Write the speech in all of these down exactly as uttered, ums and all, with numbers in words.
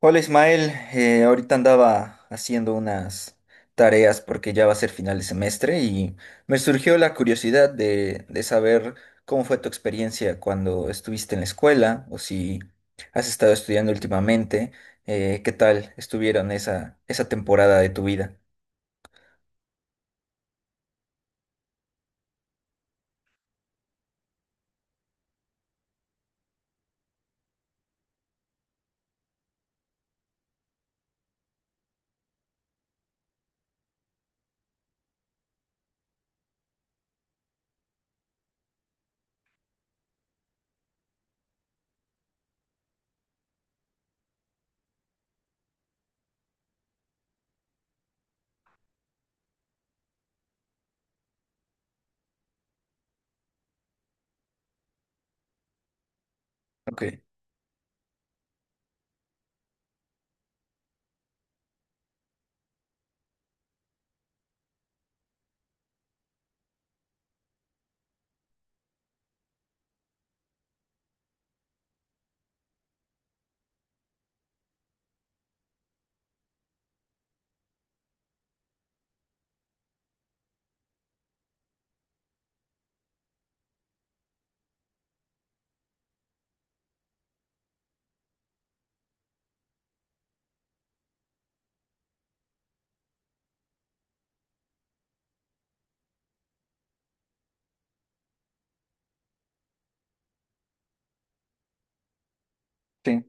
Hola, Ismael. Eh, ahorita andaba haciendo unas tareas porque ya va a ser final de semestre y me surgió la curiosidad de, de saber cómo fue tu experiencia cuando estuviste en la escuela o si has estado estudiando últimamente. Eh, qué tal estuvieron esa, esa temporada de tu vida. Ok, sí.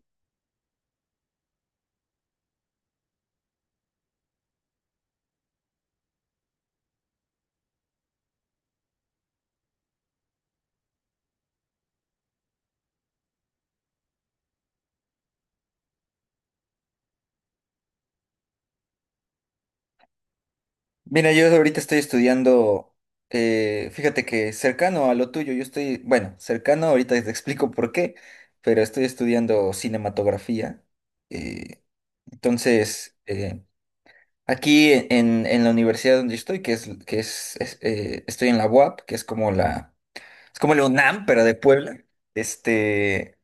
Mira, yo ahorita estoy estudiando, eh, fíjate que cercano a lo tuyo, yo estoy, bueno, cercano, ahorita te explico por qué, pero estoy estudiando cinematografía. eh, entonces, eh, Aquí en, en la universidad donde estoy, que es, que es, es, eh, estoy en la U A P, que es como la, es como la UNAM, pero de Puebla. este,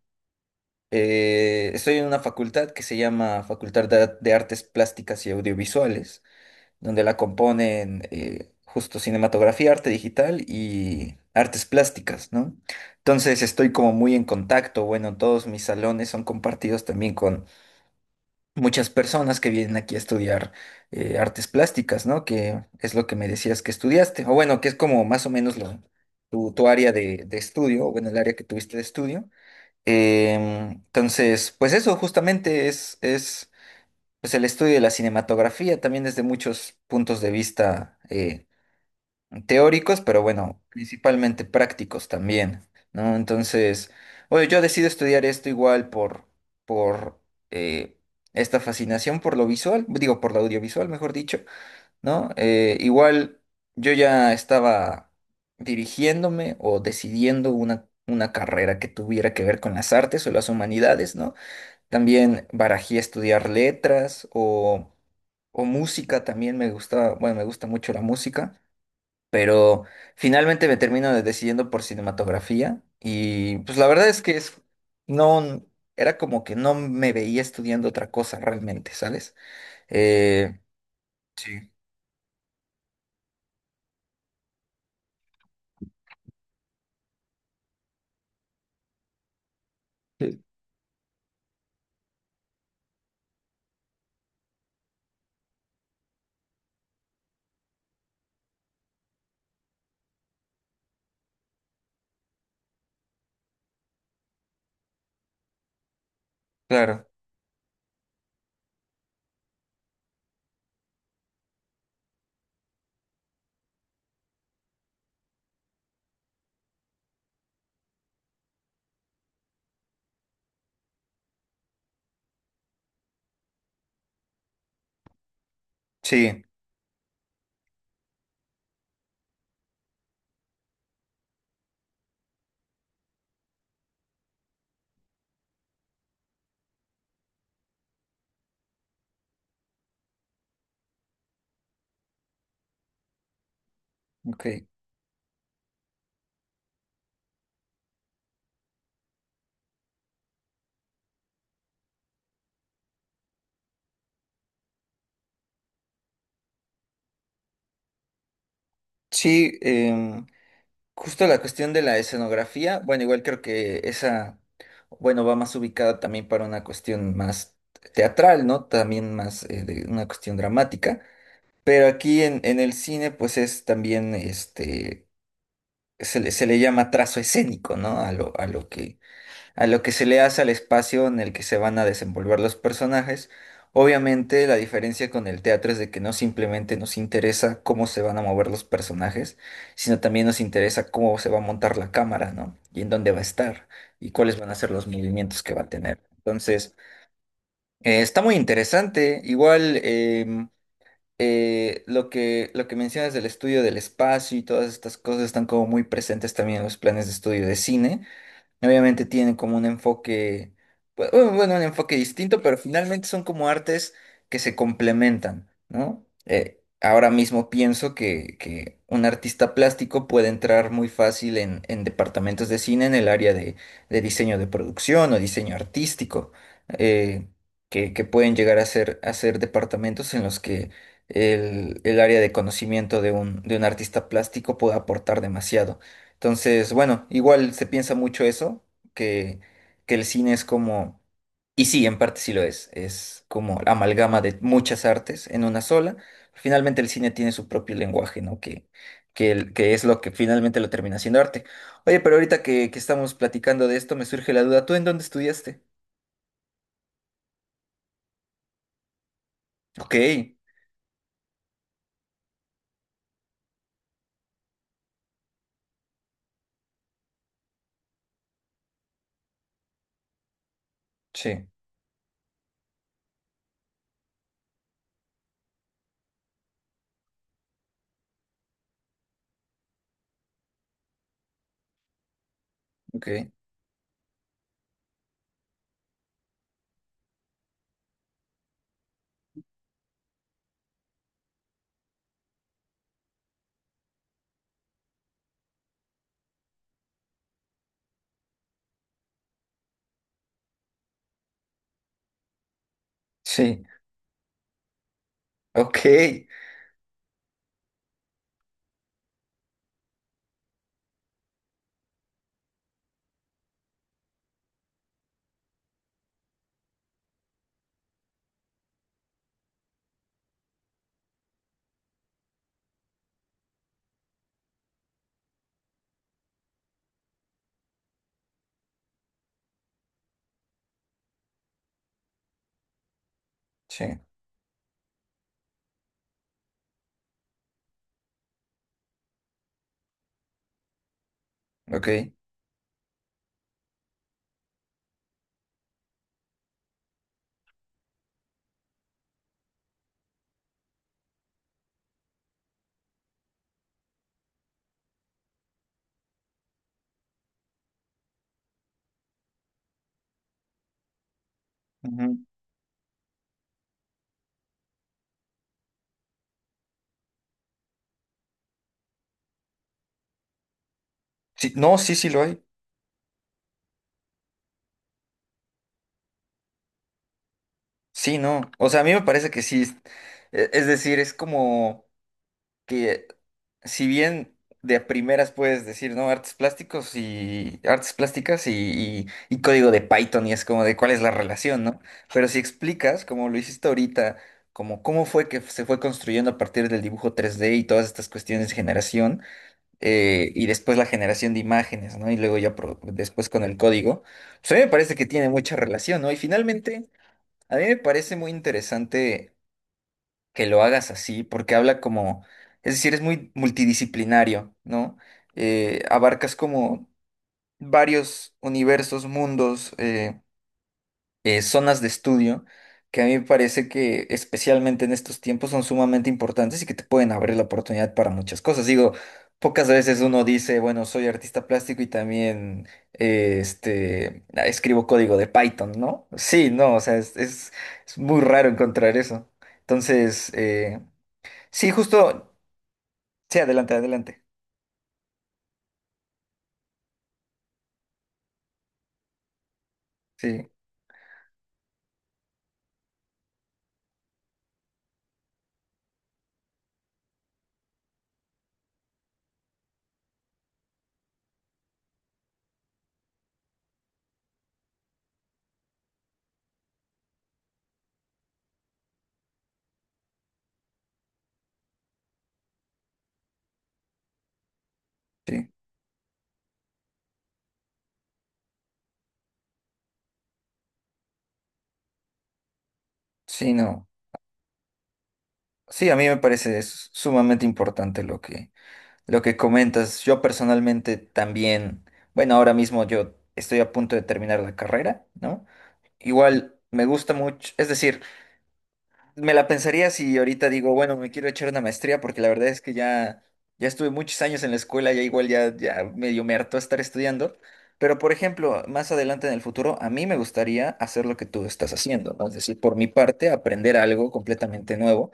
eh, Estoy en una facultad que se llama Facultad de de Artes Plásticas y Audiovisuales, donde la componen eh, justo cinematografía, arte digital y artes plásticas, ¿no? Entonces estoy como muy en contacto, bueno, todos mis salones son compartidos también con muchas personas que vienen aquí a estudiar eh, artes plásticas, ¿no? Que es lo que me decías que estudiaste, o bueno, que es como más o menos lo, tu, tu área de, de estudio, o bueno, el área que tuviste de estudio. Em, entonces, pues eso justamente es, es pues el estudio de la cinematografía también desde muchos puntos de vista eh, teóricos, pero bueno, principalmente prácticos también, ¿no? Entonces, oye, yo decido estudiar esto igual por, por eh, esta fascinación por lo visual, digo, por lo audiovisual, mejor dicho, ¿no? Eh, igual yo ya estaba dirigiéndome o decidiendo una, una carrera que tuviera que ver con las artes o las humanidades, ¿no? También barajé estudiar letras o, o música, también me gusta, bueno, me gusta mucho la música, pero finalmente me termino de- decidiendo por cinematografía y pues la verdad es que es, no, era como que no me veía estudiando otra cosa realmente, ¿sabes? Eh, Sí, claro, sí, ok. Sí. em, Justo la cuestión de la escenografía, bueno, igual creo que esa, bueno, va más ubicada también para una cuestión más teatral, ¿no? También más eh, de una cuestión dramática, pero aquí en, en el cine pues es también, este, se le, se le llama trazo escénico, ¿no? A lo, a lo que a lo que se le hace al espacio en el que se van a desenvolver los personajes. Obviamente la diferencia con el teatro es de que no simplemente nos interesa cómo se van a mover los personajes, sino también nos interesa cómo se va a montar la cámara, ¿no? Y en dónde va a estar y cuáles van a ser los movimientos que va a tener. Entonces, eh, está muy interesante. Igual, em, eh, lo que, lo que mencionas del estudio del espacio y todas estas cosas están como muy presentes también en los planes de estudio de cine. Obviamente tienen como un enfoque, bu- bu- bueno, un enfoque distinto, pero finalmente son como artes que se complementan, ¿no? Eh, ahora mismo pienso que, que un artista plástico puede entrar muy fácil en, en departamentos de cine en el área de, de diseño de producción o diseño artístico, eh, que, que pueden llegar a ser, a ser departamentos en los que el, el área de conocimiento de un, de un artista plástico puede aportar demasiado. Entonces, bueno, igual se piensa mucho eso, que, que el cine es como, y sí, en parte sí lo es, es como la amalgama de muchas artes en una sola. Finalmente el cine tiene su propio lenguaje, ¿no? Que, que, el- que es lo que finalmente lo termina siendo arte. Oye, pero ahorita que, que estamos platicando de esto, me surge la duda, ¿tú en dónde estudiaste? Ok, sí, ok, sí, ok, sí, ok. Ujú. Sí, no, sí, sí lo hay. Sí, no. O sea, a mí me parece que sí. Es e- es decir, es como que si bien de a primeras puedes decir, ¿no? Artes plásticos y artes plásticas y, y- y código de Python y es como de cuál es la relación, ¿no? Pero si explicas, como lo hiciste ahorita, como cómo fue que se fue construyendo a partir del dibujo tres d y todas estas cuestiones de generación eh, y después la generación de imágenes, ¿no? Y luego ya pro- después con el código. Pues a mí me parece que tiene mucha relación, ¿no? Y finalmente... A mí me parece muy interesante que lo hagas así, porque habla como, es decir, es muy multidisciplinario, ¿no? Eh, abarcas como varios universos, mundos, eh, eh, zonas de estudio que a mí me parece que especialmente en estos tiempos son sumamente importantes y que te pueden abrir la oportunidad para muchas cosas. Digo, pocas veces uno dice, bueno, soy artista plástico y también eh, este, ah, escribo código de Python, ¿no? Sí, no, o sea, es, es- es muy raro encontrar eso. Entonces, eh, sí, justo, sí, adelante, adelante. Sí, sí, sí, no. Sí, a mí me parece es sumamente importante lo que lo que comentas. Yo personalmente también, bueno, ahora mismo yo estoy a punto de terminar la carrera, ¿no? Igual me gusta mucho, es decir, me la pensaría si ahorita digo, bueno, me quiero echar una maestría porque la verdad es que ya ya estuve muchos años en la escuela, ya igual ya ya medio me hartó estar estudiando, pero por ejemplo, más adelante en el futuro a mí me gustaría hacer lo que tú estás haciendo, ¿no? Es decir, por mi parte aprender algo completamente nuevo,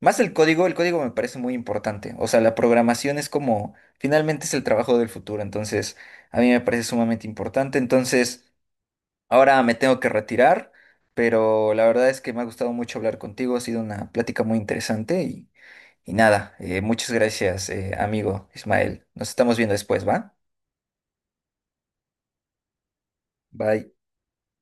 más el código. El código me parece muy importante. O sea, la programación es como, finalmente es el trabajo del futuro, entonces a mí me parece sumamente importante. Entonces, ahora me tengo que retirar, pero la verdad es que me ha gustado mucho hablar contigo, ha sido una plática muy interesante y, y nada, eh, muchas gracias, eh, amigo Ismael. Nos estamos viendo después, ¿va? Bye.